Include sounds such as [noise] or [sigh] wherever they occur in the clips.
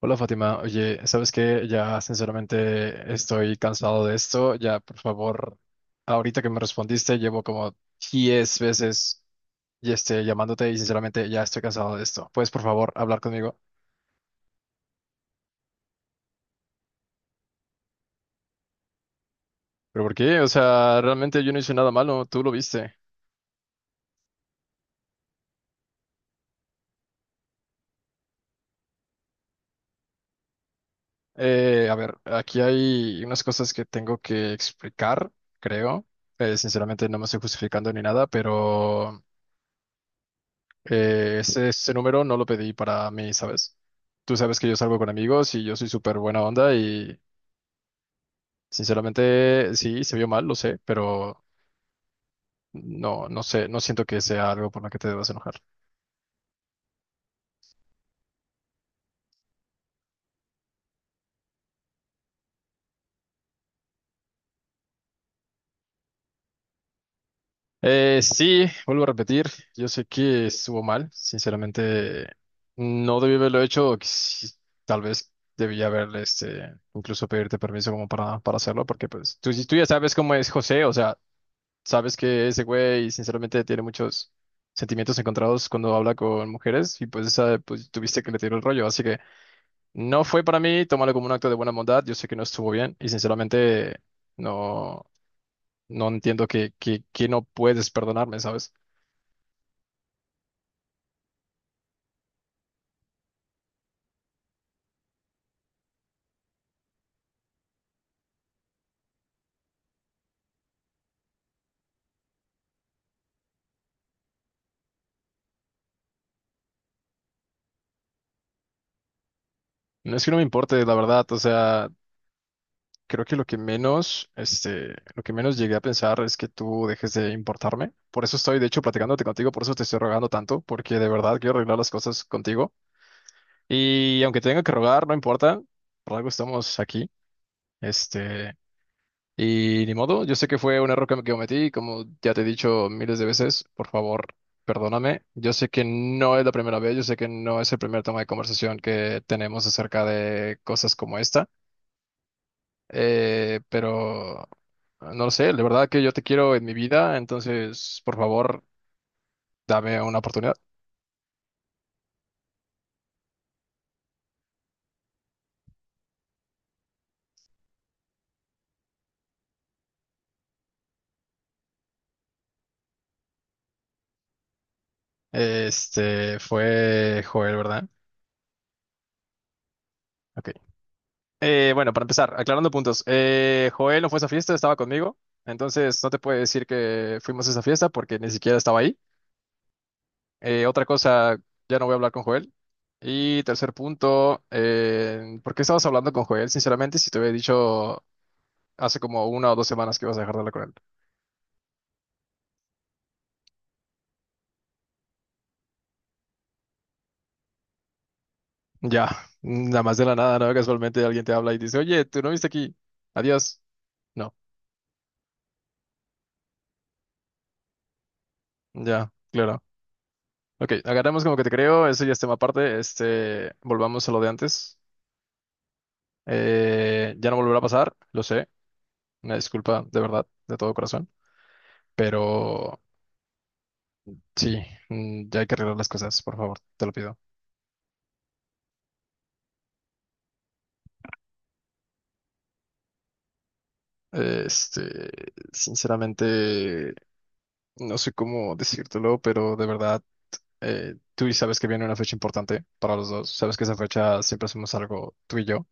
Hola Fátima, oye, ¿sabes qué? Ya sinceramente estoy cansado de esto. Ya, por favor, ahorita que me respondiste, llevo como 10 veces llamándote y sinceramente ya estoy cansado de esto. ¿Puedes, por favor, hablar conmigo? ¿Pero por qué? O sea, realmente yo no hice nada malo, tú lo viste. A ver, aquí hay unas cosas que tengo que explicar, creo. Sinceramente no me estoy justificando ni nada, pero... ese número no lo pedí para mí, ¿sabes? Tú sabes que yo salgo con amigos y yo soy súper buena onda y sinceramente sí, se vio mal, lo sé, pero no, no sé, no siento que sea algo por lo que te debas enojar. Sí, vuelvo a repetir, yo sé que estuvo mal, sinceramente no debí haberlo hecho, tal vez debí haberle, incluso pedirte permiso como para hacerlo, porque pues tú ya sabes cómo es José, o sea... Sabes que ese güey sinceramente tiene muchos sentimientos encontrados cuando habla con mujeres y pues esa pues tuviste que le tiró el rollo, así que no fue para mí, tómalo como un acto de buena bondad, yo sé que no estuvo bien y sinceramente no no entiendo que no puedes perdonarme, ¿sabes? No es que no me importe, la verdad, o sea, creo que lo que menos llegué a pensar es que tú dejes de importarme. Por eso estoy de hecho platicándote contigo, por eso te estoy rogando tanto, porque de verdad quiero arreglar las cosas contigo. Y aunque tenga que rogar, no importa, por algo estamos aquí. Este, y ni modo, yo sé que fue un error que me cometí, como ya te he dicho miles de veces, por favor, perdóname. Yo sé que no es la primera vez, yo sé que no es el primer tema de conversación que tenemos acerca de cosas como esta, pero no lo sé, de verdad que yo te quiero en mi vida, entonces, por favor, dame una oportunidad. Fue Joel, ¿verdad? Ok. Bueno, para empezar, aclarando puntos. Joel no fue a esa fiesta, estaba conmigo. Entonces no te puedo decir que fuimos a esa fiesta porque ni siquiera estaba ahí. Otra cosa, ya no voy a hablar con Joel. Y tercer punto, ¿por qué estabas hablando con Joel, sinceramente, si te había dicho hace como 1 o 2 semanas que ibas a dejar de hablar con él? Ya, [laughs] nada más de la nada, ¿no? Casualmente alguien te habla y dice, oye, tú no viste aquí. Adiós. No, ya, claro. Ok, agarramos como que te creo, eso ya es tema aparte. Volvamos a lo de antes. Ya no volverá a pasar, lo sé. Una disculpa de verdad, de todo corazón. Pero sí, mm, ya hay que arreglar las cosas, por favor, te lo pido. Este, Sinceramente, no sé cómo decírtelo, pero de verdad, tú y sabes que viene una fecha importante para los dos. Sabes que esa fecha siempre hacemos algo tú y yo.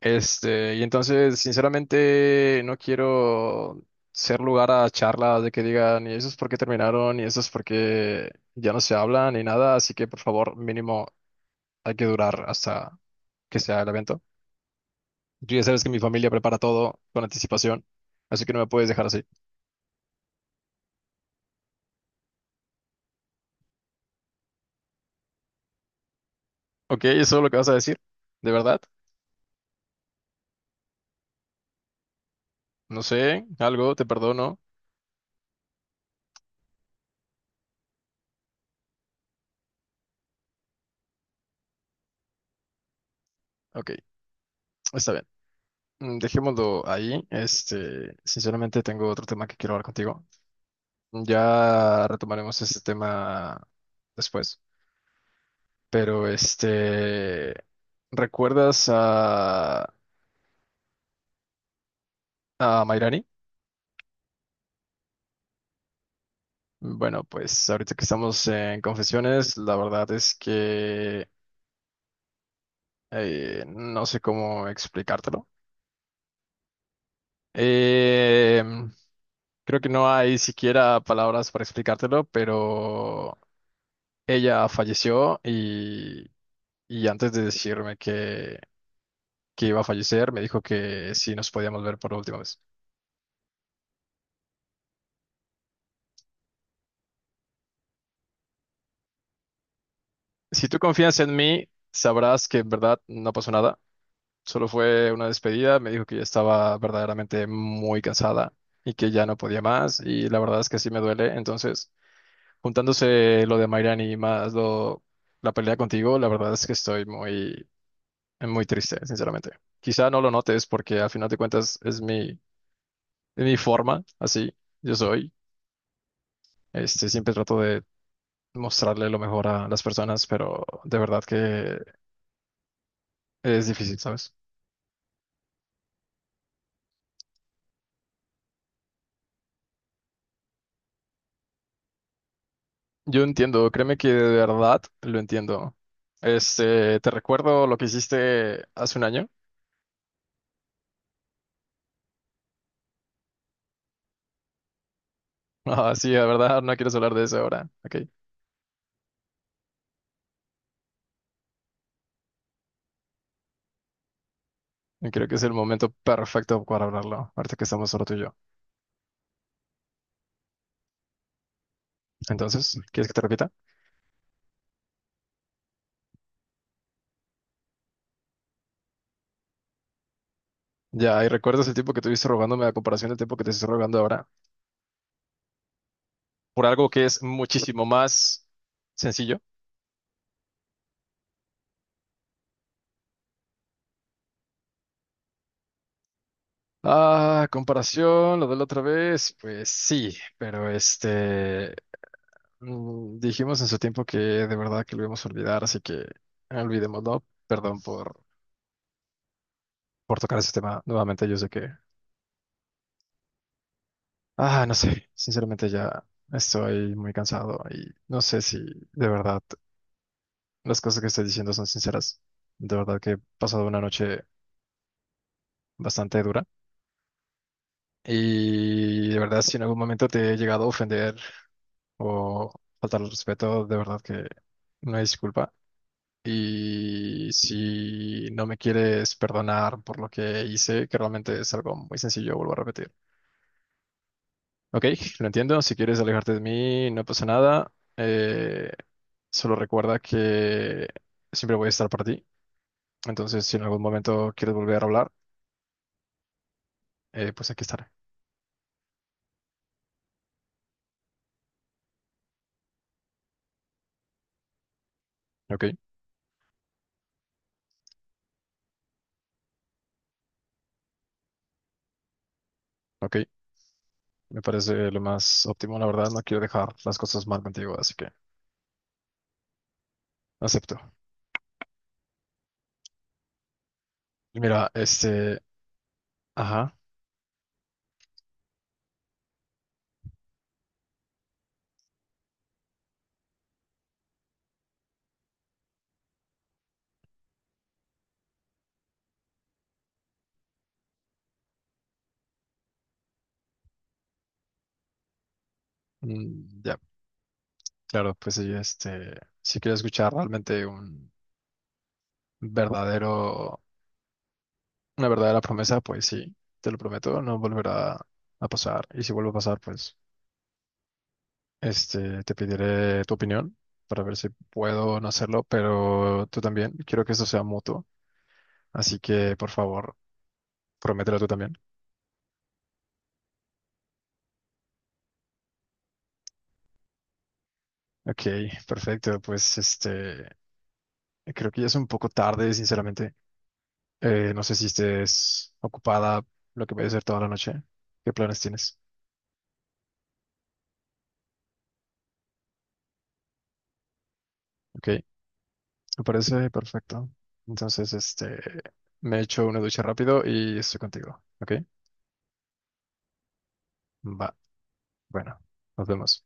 Y entonces, sinceramente, no quiero ser lugar a charlas de que digan, y eso es porque terminaron, y eso es porque ya no se hablan, ni nada, así que por favor, mínimo, hay que durar hasta que sea el evento. Tú ya sabes que mi familia prepara todo con anticipación, así que no me puedes dejar así. Ok, ¿eso es lo que vas a decir? ¿De verdad? No sé, algo, te perdono. Ok, está bien. Mm, dejémoslo ahí. Sinceramente, tengo otro tema que quiero hablar contigo. Ya retomaremos ese tema después. Pero ¿recuerdas a Mairani? Bueno, pues ahorita que estamos en confesiones, la verdad es que no sé cómo explicártelo. Eh, Creo que no hay siquiera palabras para explicártelo, pero ella falleció y antes de decirme que iba a fallecer, me dijo que sí nos podíamos ver por última vez. Si tú confías en mí, sabrás que en verdad no pasó nada. Solo fue una despedida. Me dijo que ya estaba verdaderamente muy cansada y que ya no podía más. Y la verdad es que sí me duele. Entonces, juntándose lo de Mairani y más la pelea contigo, la verdad es que estoy muy, muy triste, sinceramente. Quizá no lo notes porque al final de cuentas es mi forma, así yo soy. Siempre trato de mostrarle lo mejor a las personas, pero de verdad que es difícil, ¿sabes? Yo entiendo, créeme que de verdad lo entiendo. Te recuerdo lo que hiciste hace un año. [laughs] Ah, sí, de verdad, no quieres hablar de eso ahora. Ok. Creo que es el momento perfecto para hablarlo, ahorita que estamos solo tú y yo. Entonces, ¿quieres que te repita? Ya, y recuerdas el tiempo que tuviste rogándome a comparación del tiempo que te estoy rogando ahora, por algo que es muchísimo más sencillo. Ah, comparación, lo de la otra vez, pues sí, pero mm, dijimos en su tiempo que de verdad que lo íbamos a olvidar, así que olvidémoslo. Perdón por tocar ese tema nuevamente. Yo sé que, ah, no sé, sinceramente ya estoy muy cansado y no sé si de verdad las cosas que estoy diciendo son sinceras. De verdad que he pasado una noche bastante dura y de verdad si en algún momento te he llegado a ofender o faltar al respeto, de verdad que no hay disculpa. Y si no me quieres perdonar por lo que hice, que realmente es algo muy sencillo, vuelvo a repetir. Ok, lo entiendo, si quieres alejarte de mí, no pasa nada. Eh, Solo recuerda que siempre voy a estar para ti. Entonces, si en algún momento quieres volver a hablar, pues aquí estaré. Ok, ok, me parece lo más óptimo, la verdad, no quiero dejar las cosas mal contigo, así que acepto. Y mira, ajá. Mm, ya, claro, pues sí, si quieres escuchar realmente verdadero, una verdadera promesa, pues sí, te lo prometo, no volverá a pasar. Y si vuelve a pasar, pues, te pediré tu opinión para ver si puedo o no hacerlo, pero tú también, quiero que esto sea mutuo, así que por favor, promételo tú también. Ok, perfecto, pues creo que ya es un poco tarde, sinceramente. No sé si estés ocupada lo que voy a hacer toda la noche. ¿Qué planes tienes? Ok, me parece perfecto. Entonces, me echo una ducha rápido y estoy contigo. Ok, va. Bueno, nos vemos.